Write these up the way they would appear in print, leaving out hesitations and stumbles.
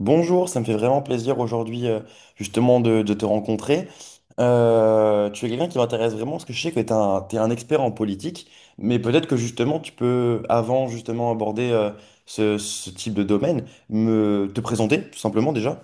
Bonjour, ça me fait vraiment plaisir aujourd'hui justement de te rencontrer. Tu es quelqu'un qui m'intéresse vraiment parce que je sais que t'es un expert en politique, mais peut-être que justement tu peux, avant justement aborder ce type de domaine, me te présenter tout simplement déjà.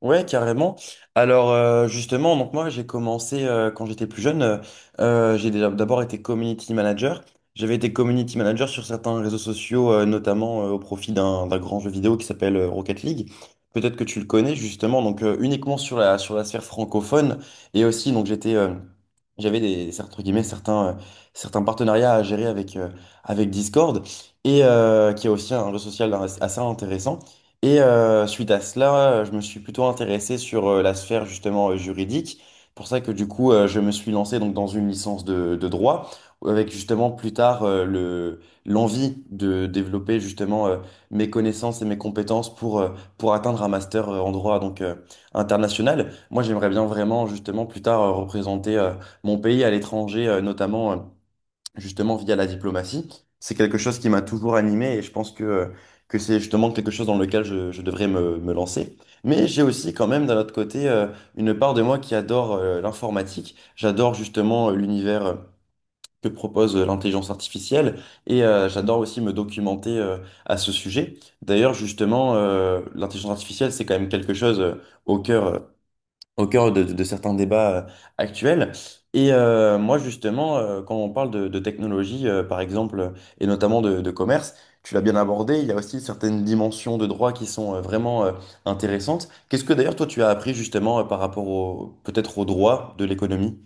Ouais, carrément. Alors justement, donc moi j'ai commencé quand j'étais plus jeune, d'abord été community manager. J'avais été community manager sur certains réseaux sociaux, notamment au profit d'un grand jeu vidéo qui s'appelle Rocket League. Peut-être que tu le connais justement, donc uniquement sur la sphère francophone et aussi donc j'avais des entre guillemets certains partenariats à gérer avec avec Discord et qui est aussi un réseau social assez intéressant. Et suite à cela, je me suis plutôt intéressé sur la sphère justement juridique. Pour ça que du coup, je me suis lancé donc dans une licence de droit, avec justement plus tard le l'envie de développer justement mes connaissances et mes compétences pour atteindre un master en droit donc international. Moi, j'aimerais bien vraiment justement plus tard représenter mon pays à l'étranger, notamment. Justement via la diplomatie. C'est quelque chose qui m'a toujours animé et je pense que c'est justement quelque chose dans lequel je devrais me lancer. Mais j'ai aussi quand même d'un autre côté une part de moi qui adore l'informatique. J'adore justement l'univers que propose l'intelligence artificielle et j'adore aussi me documenter à ce sujet. D'ailleurs, justement, l'intelligence artificielle, c'est quand même quelque chose au cœur. euh, au cœur de certains débats actuels. Et moi, justement, quand on parle de technologie, par exemple, et notamment de commerce, tu l'as bien abordé, il y a aussi certaines dimensions de droit qui sont vraiment intéressantes. Qu'est-ce que d'ailleurs, toi, tu as appris justement par rapport au, peut-être au droit de l'économie?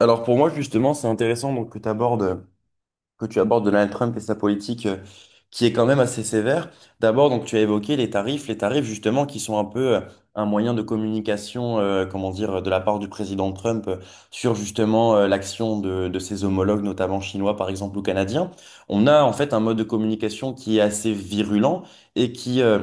Alors pour moi, justement, c'est intéressant donc, que tu abordes Donald Trump et sa politique qui est quand même assez sévère. D'abord, donc tu as évoqué les tarifs justement qui sont un peu un moyen de communication, comment dire, de la part du président Trump sur justement l'action de ses homologues, notamment chinois par exemple ou canadiens. On a en fait un mode de communication qui est assez virulent et qui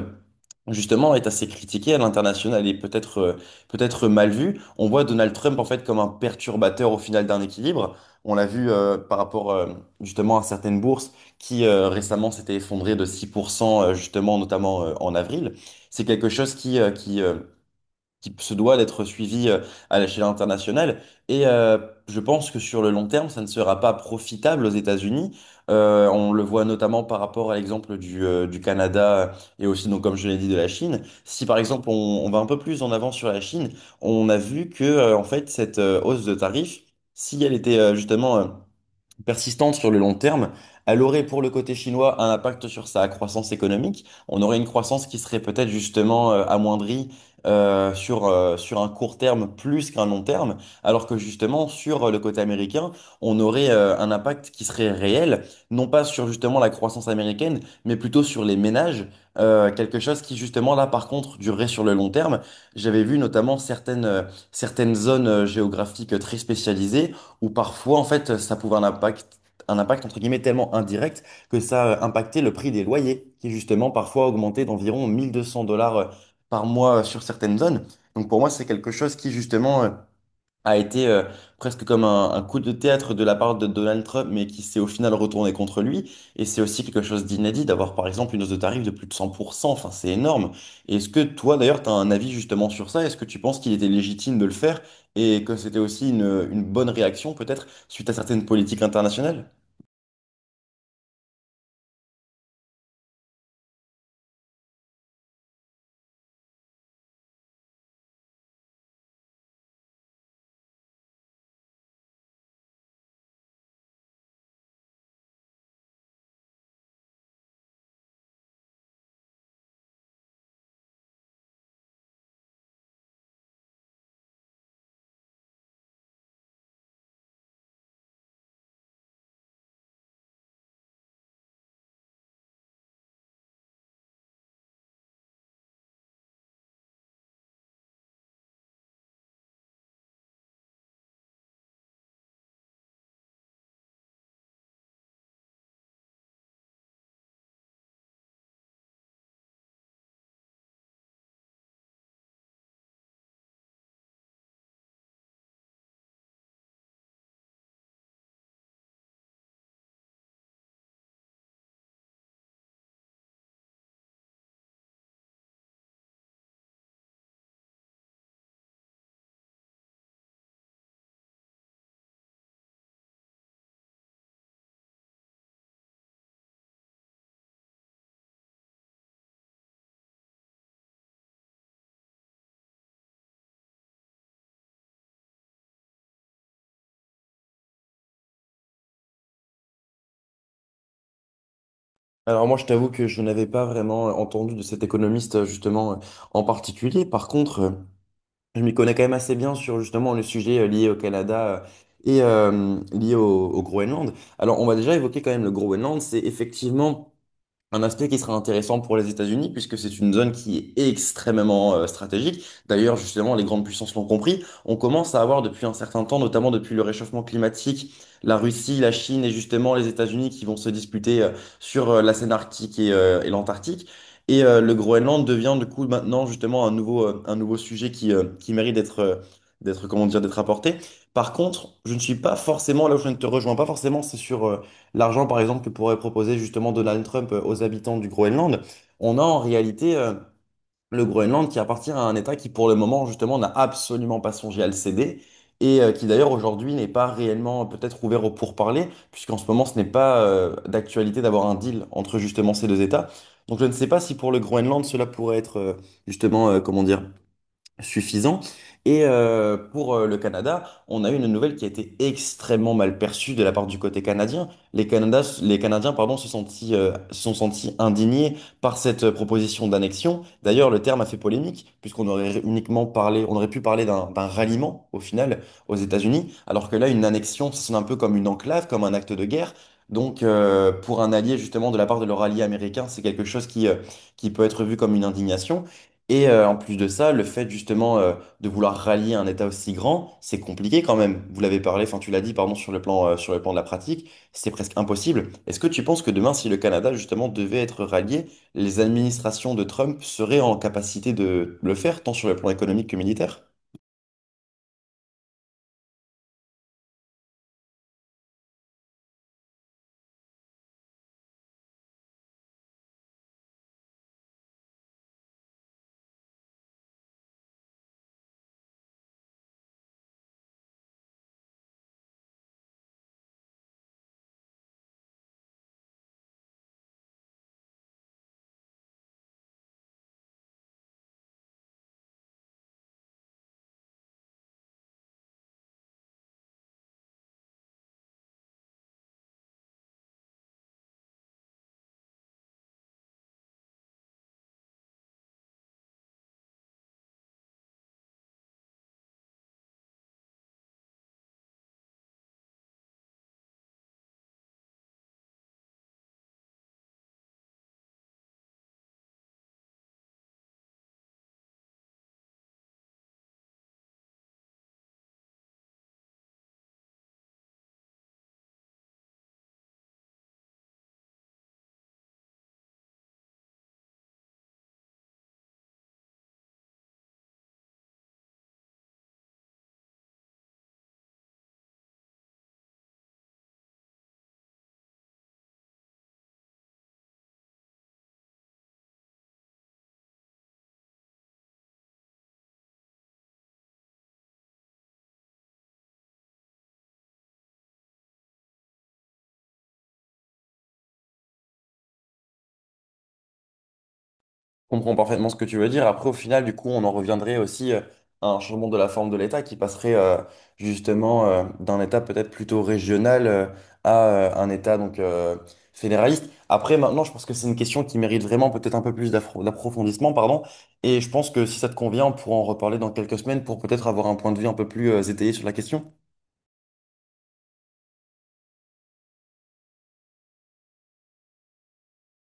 justement est assez critiqué à l'international et peut-être mal vu. On voit Donald Trump en fait comme un perturbateur au final d'un équilibre. On l'a vu par rapport justement à certaines bourses qui récemment s'étaient effondrées de 6% justement notamment en avril. C'est quelque chose qui se doit d'être suivi à l'échelle internationale et je pense que sur le long terme, ça ne sera pas profitable aux États-Unis. On le voit notamment par rapport à l'exemple du Canada et aussi donc comme je l'ai dit de la Chine. Si par exemple on va un peu plus en avant sur la Chine, on a vu que en fait cette hausse de tarifs, si elle était justement persistante sur le long terme, elle aurait pour le côté chinois un impact sur sa croissance économique. On aurait une croissance qui serait peut-être justement amoindrie sur un court terme plus qu'un long terme, alors que justement sur le côté américain, on aurait un impact qui serait réel, non pas sur justement la croissance américaine, mais plutôt sur les ménages. Quelque chose qui justement là par contre durerait sur le long terme. J'avais vu notamment certaines zones géographiques très spécialisées où parfois, en fait, ça pouvait un impact, entre guillemets, tellement indirect que ça impactait le prix des loyers, qui justement, parfois, augmentait d'environ 1200 dollars par mois sur certaines zones. Donc, pour moi, c'est quelque chose qui, justement, a été presque comme un coup de théâtre de la part de Donald Trump, mais qui s'est au final retourné contre lui. Et c'est aussi quelque chose d'inédit d'avoir, par exemple, une hausse de tarif de plus de 100%. Enfin, c'est énorme. Et est-ce que toi, d'ailleurs, tu as un avis justement sur ça? Est-ce que tu penses qu'il était légitime de le faire et que c'était aussi une bonne réaction, peut-être, suite à certaines politiques internationales? Alors moi, je t'avoue que je n'avais pas vraiment entendu de cet économiste justement en particulier. Par contre, je m'y connais quand même assez bien sur justement le sujet lié au Canada et lié au Groenland. Alors, on va déjà évoquer quand même le Groenland. C'est effectivement un aspect qui sera intéressant pour les États-Unis, puisque c'est une zone qui est extrêmement stratégique. D'ailleurs, justement, les grandes puissances l'ont compris. On commence à avoir depuis un certain temps, notamment depuis le réchauffement climatique, la Russie, la Chine et justement les États-Unis qui vont se disputer sur la scène arctique et l'Antarctique. Et le Groenland devient du coup maintenant justement un nouveau sujet qui mérite d'être, comment dire, d'être apporté. Par contre, je ne te rejoins pas forcément, c'est sur l'argent, par exemple, que pourrait proposer justement Donald Trump aux habitants du Groenland, on a en réalité le Groenland qui appartient à un État qui, pour le moment, justement, n'a absolument pas songé à le céder. Et qui d'ailleurs aujourd'hui n'est pas réellement peut-être ouvert aux pourparlers, puisqu'en ce moment ce n'est pas d'actualité d'avoir un deal entre justement ces deux États. Donc je ne sais pas si pour le Groenland cela pourrait être comment dire, suffisant. Et pour le Canada, on a eu une nouvelle qui a été extrêmement mal perçue de la part du côté canadien. Les Canadiens, pardon, se sont sentis indignés par cette proposition d'annexion. D'ailleurs, le terme a fait polémique, puisqu'on aurait uniquement parlé, on aurait pu parler d'un ralliement, au final, aux États-Unis, alors que là, une annexion, ça sonne un peu comme une enclave, comme un acte de guerre. Donc, pour un allié, justement, de la part de leur allié américain, c'est quelque chose qui peut être vu comme une indignation. Et en plus de ça, le fait justement de vouloir rallier un État aussi grand, c'est compliqué quand même. Enfin tu l'as dit, pardon, sur le plan de la pratique, c'est presque impossible. Est-ce que tu penses que demain, si le Canada justement devait être rallié, les administrations de Trump seraient en capacité de le faire, tant sur le plan économique que militaire? Comprends parfaitement ce que tu veux dire. Après, au final, du coup, on en reviendrait aussi à un changement de la forme de l'État qui passerait justement d'un État peut-être plutôt régional à un État donc fédéraliste. Après, maintenant, je pense que c'est une question qui mérite vraiment peut-être un peu plus d'approfondissement, pardon. Et je pense que si ça te convient, on pourra en reparler dans quelques semaines pour peut-être avoir un point de vue un peu plus étayé sur la question.